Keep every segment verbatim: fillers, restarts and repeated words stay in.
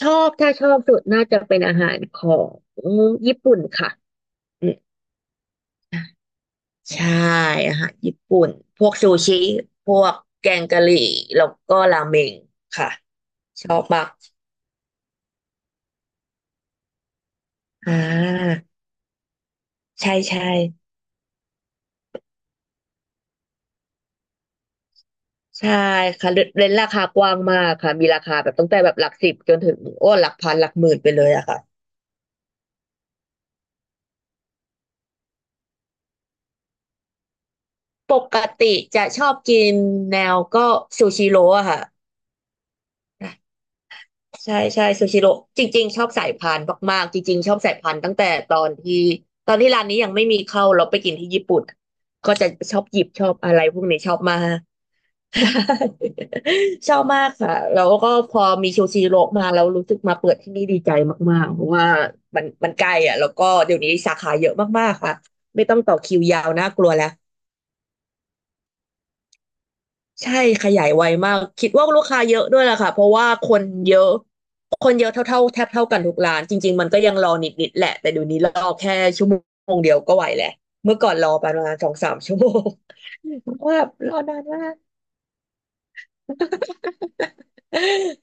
ชอบถ้าชอบสุดน่าจะเป็นอาหารของญี่ปุ่นค่ะอืมใช่อาหารญี่ปุ่นพวกซูชิพวกแกงกะหรี่แล้วก็ราเมงค่ะชอบมากอ่าใช่ใช่ใช่ค่ะเรเรนราคากว้างมากค่ะมีราคาแบบตั้งแต่แบบหลักสิบจนถึงโอ้หลักพันหลักหมื่นไปเลยอะค่ะปกติจะชอบกินแนวก็ซูชิโร่อะค่ะ ใช่ใช่ซูชิโร่จริงๆชอบสายพานมากๆจริงๆชอบสายพานตั้งแต่ตอนที่ตอนที่ร้านนี้ยังไม่มีเข้าเราไปกินที่ญี่ปุ่นก็จะชอบหยิบชอบอะไรพวกนี้ชอบมาก ชอบมากค่ะแล้วก็พอมีซูชิโร่มาเรารู้สึกมาเปิดที่นี่ดีใจมากๆเพราะว่ามันมันใกล้อ่ะแล้วก็เดี๋ยวนี้สาขาเยอะมากๆค่ะไม่ต้องต่อคิวยาวน่ากลัวแล้ว ใช่ขยายไวมากคิดว่าลูกค้าเยอะด้วยแหละค่ะเพราะว่าคนเยอะคนเยอะเท่าๆแทบเท่ากันทุกร้านจริงๆมันก็ยังรอนิดๆแหละแต่เดี๋ยวนี้รอแค่ชั่วโมงเดียวก็ไหวแหละเมื่อก่อนรอประมาณสองสามชั่วโมงว่ารอนานมาก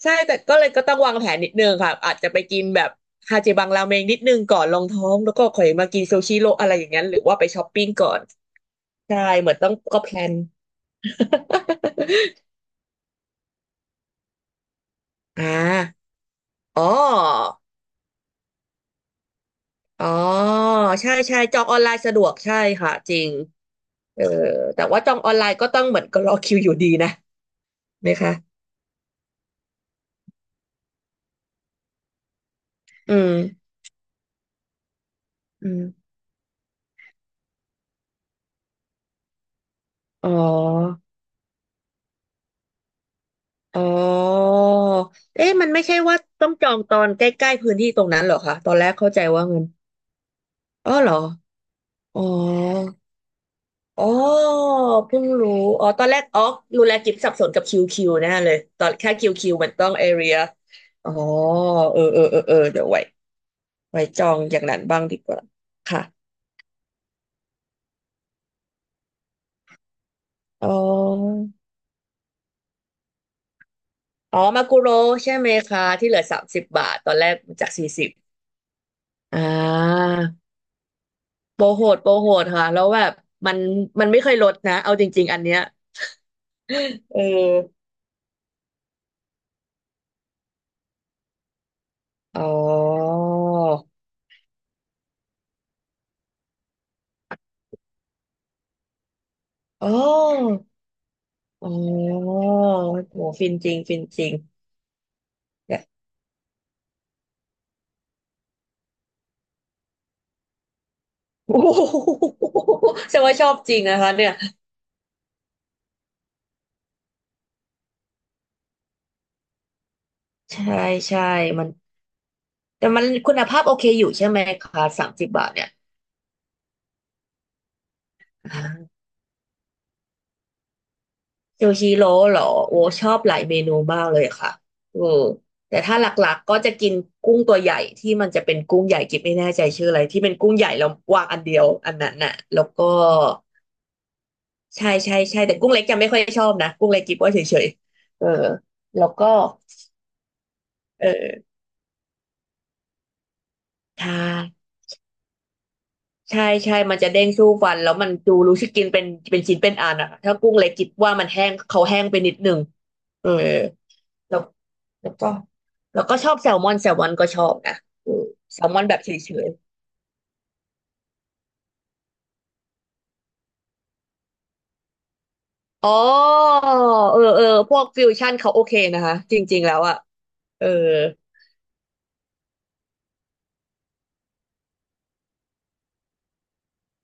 ใช่แต่ก็เลยก็ต้องวางแผนนิดนึงค่ะอาจจะไปกินแบบฮาเจบังราเมงนิดนึงก่อนรองท้องแล้วก็ค่อยมากินซูชิโรอะไรอย่างนั้นหรือว่าไปช้อปปิ้งก่อนใช่เหมือนต้องก็แพลน อ่าอ๋อ อ๋อใช่ใช่จองออนไลน์สะดวกใช่ค่ะจริงเออแต่ว่าจองออนไลน์ก็ต้องเหมือนก็รอคิวอยู่ดีนะไหมคะอืมอืมอ๋ออ๋อเอ๊ะมันไม่ใช่ว่าต้องจองตอนใกล้ๆพื้นที่ตรงนั้นเหรอคะตอนแรกเข้าใจว่าเงินอ๋อเหรออ๋ออ๋อเพิ่งรู้อ๋อตอนแรกอ๋อรู้แล้วกิตบสับสนกับคิวคิวแน่เลยตอนแค่คิวคิวมันต้องเอเรียอ๋อเออเออเออเออเดี๋ยวไว้ไว้จองอย่างนั้นบ้างดีกว่าค่ะ อ๋ออ๋อมากุโรใช่ไหมคะที่เหลือสามสิบบาทตอนแรกจากสี่สิบอ่าโปรโหดโปรโหดค่ะแล้วแบบมันมันไม่เคยลดนะเอาจริงๆอันเนี้ยเอออ๋ออ๋ออ๋อโหฟินจริงฟินจริงเนี่ย โอ้โหแสดงว่าชอบจริงนะคะเนี่ยใช่ใช่มันแต่มันคุณภาพโอเคอยู่ใช่ไหมคะสามสิบบาทเนี่ย ซูชิโร่เหรอโอ้ชอบหลายเมนูมากเลยค่ะเออแต่ถ้าหลักๆก็จะกินกุ้งตัวใหญ่ที่มันจะเป็นกุ้งใหญ่กิ๊บไม่แน่ใจชื่ออะไรที่เป็นกุ้งใหญ่แล้ววางอันเดียวอันนั้นน่ะแล้วก็ใช่ใช่ใช่แต่กุ้งเล็กจะไม่ค่อยชอบนะกุ้งเล็กกิ๊บว่าเฉยๆเออแล้วก็เออใช่ใช่ใช่มันจะเด้งสู้ฟันแล้วมันดูรู้สึกกินเป็นเป็นชิ้นเป็นอันอะถ้ากุ้งเล็กกิ๊บว่ามันแห้งเขาแห้งไปนิดนึงเออ แล้วแล้วก็แล้วก็ชอบแซลมอนแซลมอนก็ชอบนะเออแซลมอนแบบเฉยๆอ๋อเออเออพวกฟิวชั่นเขาโอเคนะคะจริงๆแล้วอะเออ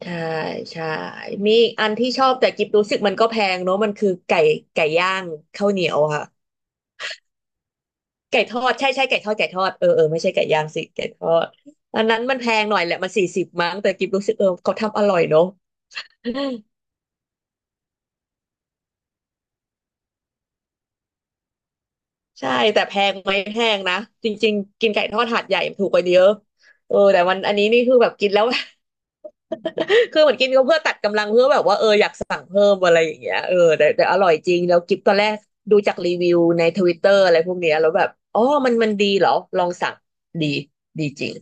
ใช่ใช่มีอีกอันที่ชอบแต่กิบรู้สึกมันก็แพงเนอะมันคือไก่ไก่ย่างข้าวเหนียวค่ะไก่ทอดใช่ใช่ไก่ทอดไก่ทอดเออเออไม่ใช่ไก่ย่างสิไก่ทอดอันนั้นมันแพงหน่อยแหละมันสี่สิบมั้งแต่กิบรู้สึกเออเขาทำอร่อยเนอะ ใช่แต่แพงไหมแพงนะจริงๆกินไก่ทอดหาดใหญ่ถูกกว่าเยอะเออแต่มันอันนี้นี่คือแบบกินแล้ว คือเหมือนกินก็เพื่อตัดกำลังเพื่อแบบว่าเอออยากสั่งเพิ่มอะไรอย่างเงี้ยเออแต่แต่อร่อยจริงแล้วกิ๊บตอนแรกดูจากรีวิวในทวิตเตอร์อะไรพวกเนี้ยแล้วแบบอ๋อมันมันดีเหรอลองสั่งดีดีจริง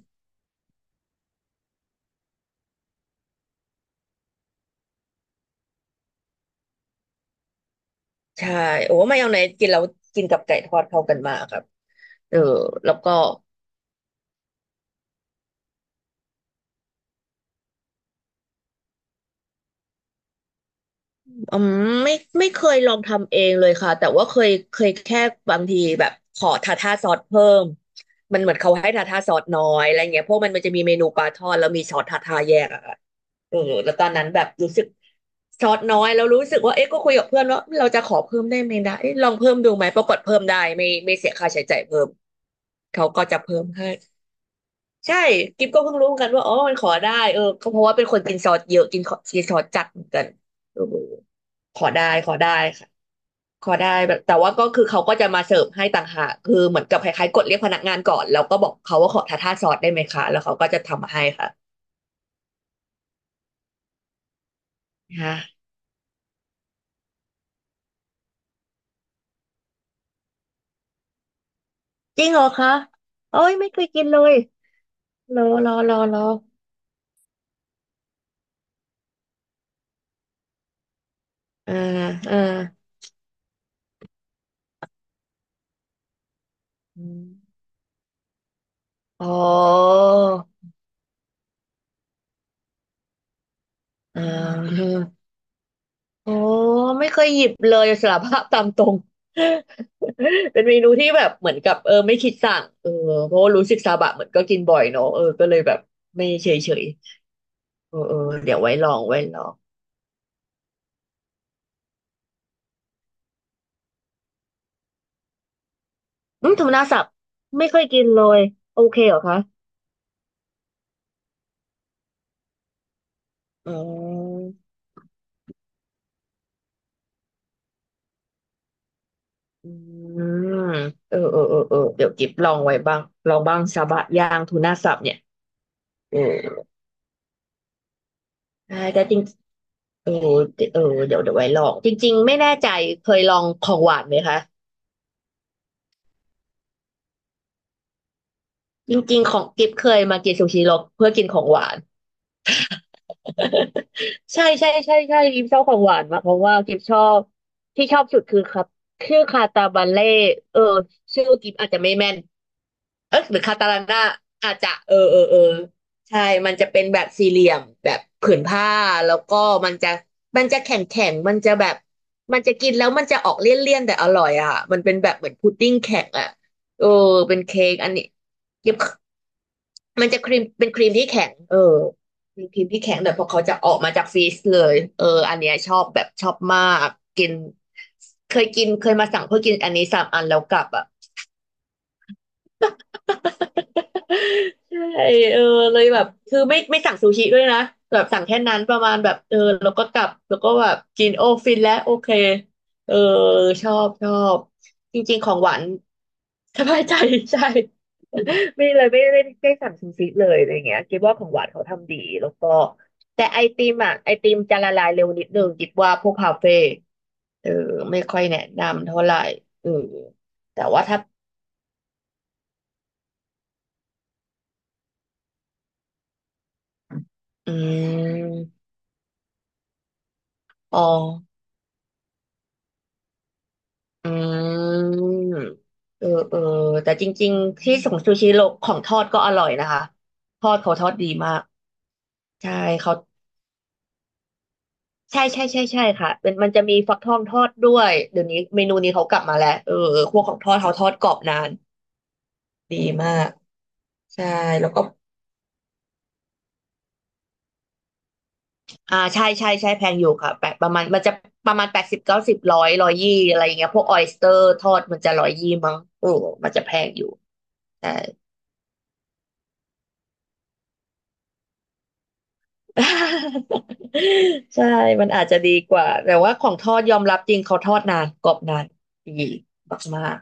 ใช่โอ้มายองเนสกินแล้วกินกับไก่ทอดเข้ากันมากครับเออแล้วก็ อืมไม่ไม่เคยลองทำเองเลยค่ะแต่ว่าเคยเคยแค่บางทีแบบขอทาท่าซอสเพิ่มมันเหมือนเขาให้ทาท่าซอสน้อยอะไรเงี้ยเพราะมันมันจะมีเมนูปลาทอดแล้วมีซอสทาท่าแยกอะค่ะเออแล้วตอนนั้นแบบรู้สึกซอสน้อยแล้วรู้สึกว่าเอ๊ะก็คุยกับเพื่อนว่าเราจะขอเพิ่มได้ไหมนะเอ๊ะลองเพิ่มดูไหมปรากฏเพิ่มได้ไม่ไม่เสียค่าใช้จ่ายเพิ่มเขาก็จะเพิ่มให้ ใช่กิฟก็เพิ่งรู้เหมือนกันว่าอ๋อมันขอได้เออก็เพราะว่าเป็นคนกินซอสเยอะกินขอกินซอสจัดเหมือนกันเออขอได้ขอได้ค่ะขอได้แบบแต่ว่าก็คือเขาก็จะมาเสิร์ฟให้ต่างหากคือเหมือนกับคล้ายๆกดเรียกพนักงานก่อนแล้วก็บอกเขาว่าขอทาทาซอสได้ไหมคะแล้วเขาก็จะทำมาให้ค่ะฮะจริงเหรอคะโอ้ยไม่เคยกินเลยรอรอรอรออ่าอ่าอมอ๋ออ่า โอ้ไม่เคยหยิบเลยสารภาพตามตรง เป็นเมนูที่แบบเหมือนกับเออไม่คิดสั่งเออเพราะว่ารู้สึกซาบะเหมือนก็กินบ่อยเนอะเออก็เลยแบบไม่เฉยเฉยเออเออเดี๋ยวไว้ลองไว้ลองอืมธรนาศับไม่เคยกินเลยโอเคเหรอคะอ๋ออืมเออเออเออเออเดี๋ยวกิบลองไว้บ้างลองบ้างซาบะย่างทูน่าสับเนี่ยเออใช่แต่จริงเออเออเดี๋ยวเดี๋ยวไว้ลองจริงๆไม่แน่ใจเคยลองของหวานไหมคะ จริงๆของกิฟเคยมากินซูชิหรอกเพื่อกินของหวาน ใช่ใช่ใช่ใช่กิฟชอบของหวานมากเพราะว่ากิฟชอบที่ชอบสุดคือครับชื่อคาตาบันเล่เออชื่อกิฟอาจจะไม่แม่นเออหรือคาตาลันน่าอาจจะเออเออเออใช่มันจะเป็นแบบสี่เหลี่ยมแบบผืนผ้าแล้วก็มันจะมันจะแข็งแข็งมันจะแบบมันจะกินแล้วมันจะออกเลี่ยนๆแต่อร่อยอ่ะมันเป็นแบบเหมือนพุดดิ้งแข็งอ่ะเออเป็นเค้กอันนี้เก็บ มันจะครีมเป็นครีมที่แข็งเออเป็นครีมที่แข็งแต่พอเขาจะออกมาจากฟรีซเลยเอออันเนี้ยชอบแบบชอบมากกินเคยกินเคยมาสั่งเพื่อกินอันนี้สามอันแล้วกลับอ่ะ ใช่เออเลยแบบคือไม่ไม่สั่งซูชิด้วยนะแบบสั่งแค่นั้นประมาณแบบเออแล้วก็กลับแล้วก็แบบกินโอฟินแล้วโอเคเออชอบชอบจริงๆของหวานสบายใจ ใช่ ไม่เลยไม่ไม่ได้สั่งซูชิเลยอะไรเงี้ยคิดว่าของหวานเขาทำดีแล้วก็แต่ไอติมอ่ะไอติมจะละลายเร็วนิดนึงคิดว่าพวกคาเฟ่เออไม่ค่อยแนะนำเท่าไหร่เออแต่ว่าถ้าอืม อ๋ออืมเออเออแต่จริงๆที่ของซูชิโรของทอดก็อร่อยนะคะทอดเขาทอดดีมากใช่เขาใช่ใช่ใช่ใช่ค่ะเป็นมันจะมีฟักทองทอดด้วยเดี๋ยวนี้เมนูนี้เขากลับมาแล้วเออเออพวกของทอดเขาทอดกรอบนานดีมากใช่แล้วก็อ่าใช่ใช่ใช่แพงอยู่ค่ะแปดประมาณมันจะประมาณแปดสิบเก้าสิบร้อยร้อยยี่อะไรอย่างเงี้ยพวกออยสเตอร์ทอดมันจะร้อยยี่มั้งเออมันจะแพงอยู่ใช่ ใช่ มันอาจจะดีกว่า แต่ว่าของทอดยอมรับจริงเขาทอดนานกรอบนานดีมาก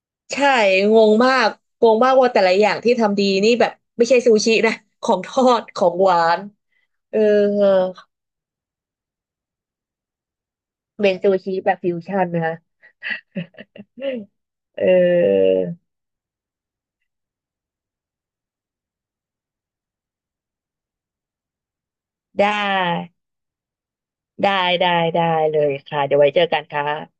ๆใช่งงมากงงมากว่าแต่ละอย่างที่ทำดีนี่แบบไม่ใช่ซูชินะของทอดของหวานเออเป็นซูชิแบบฟิวชั่นนะคะเออได้ได้ได้ได้เลยค่ะเดี๋ยวไว้เจอกันค่ะ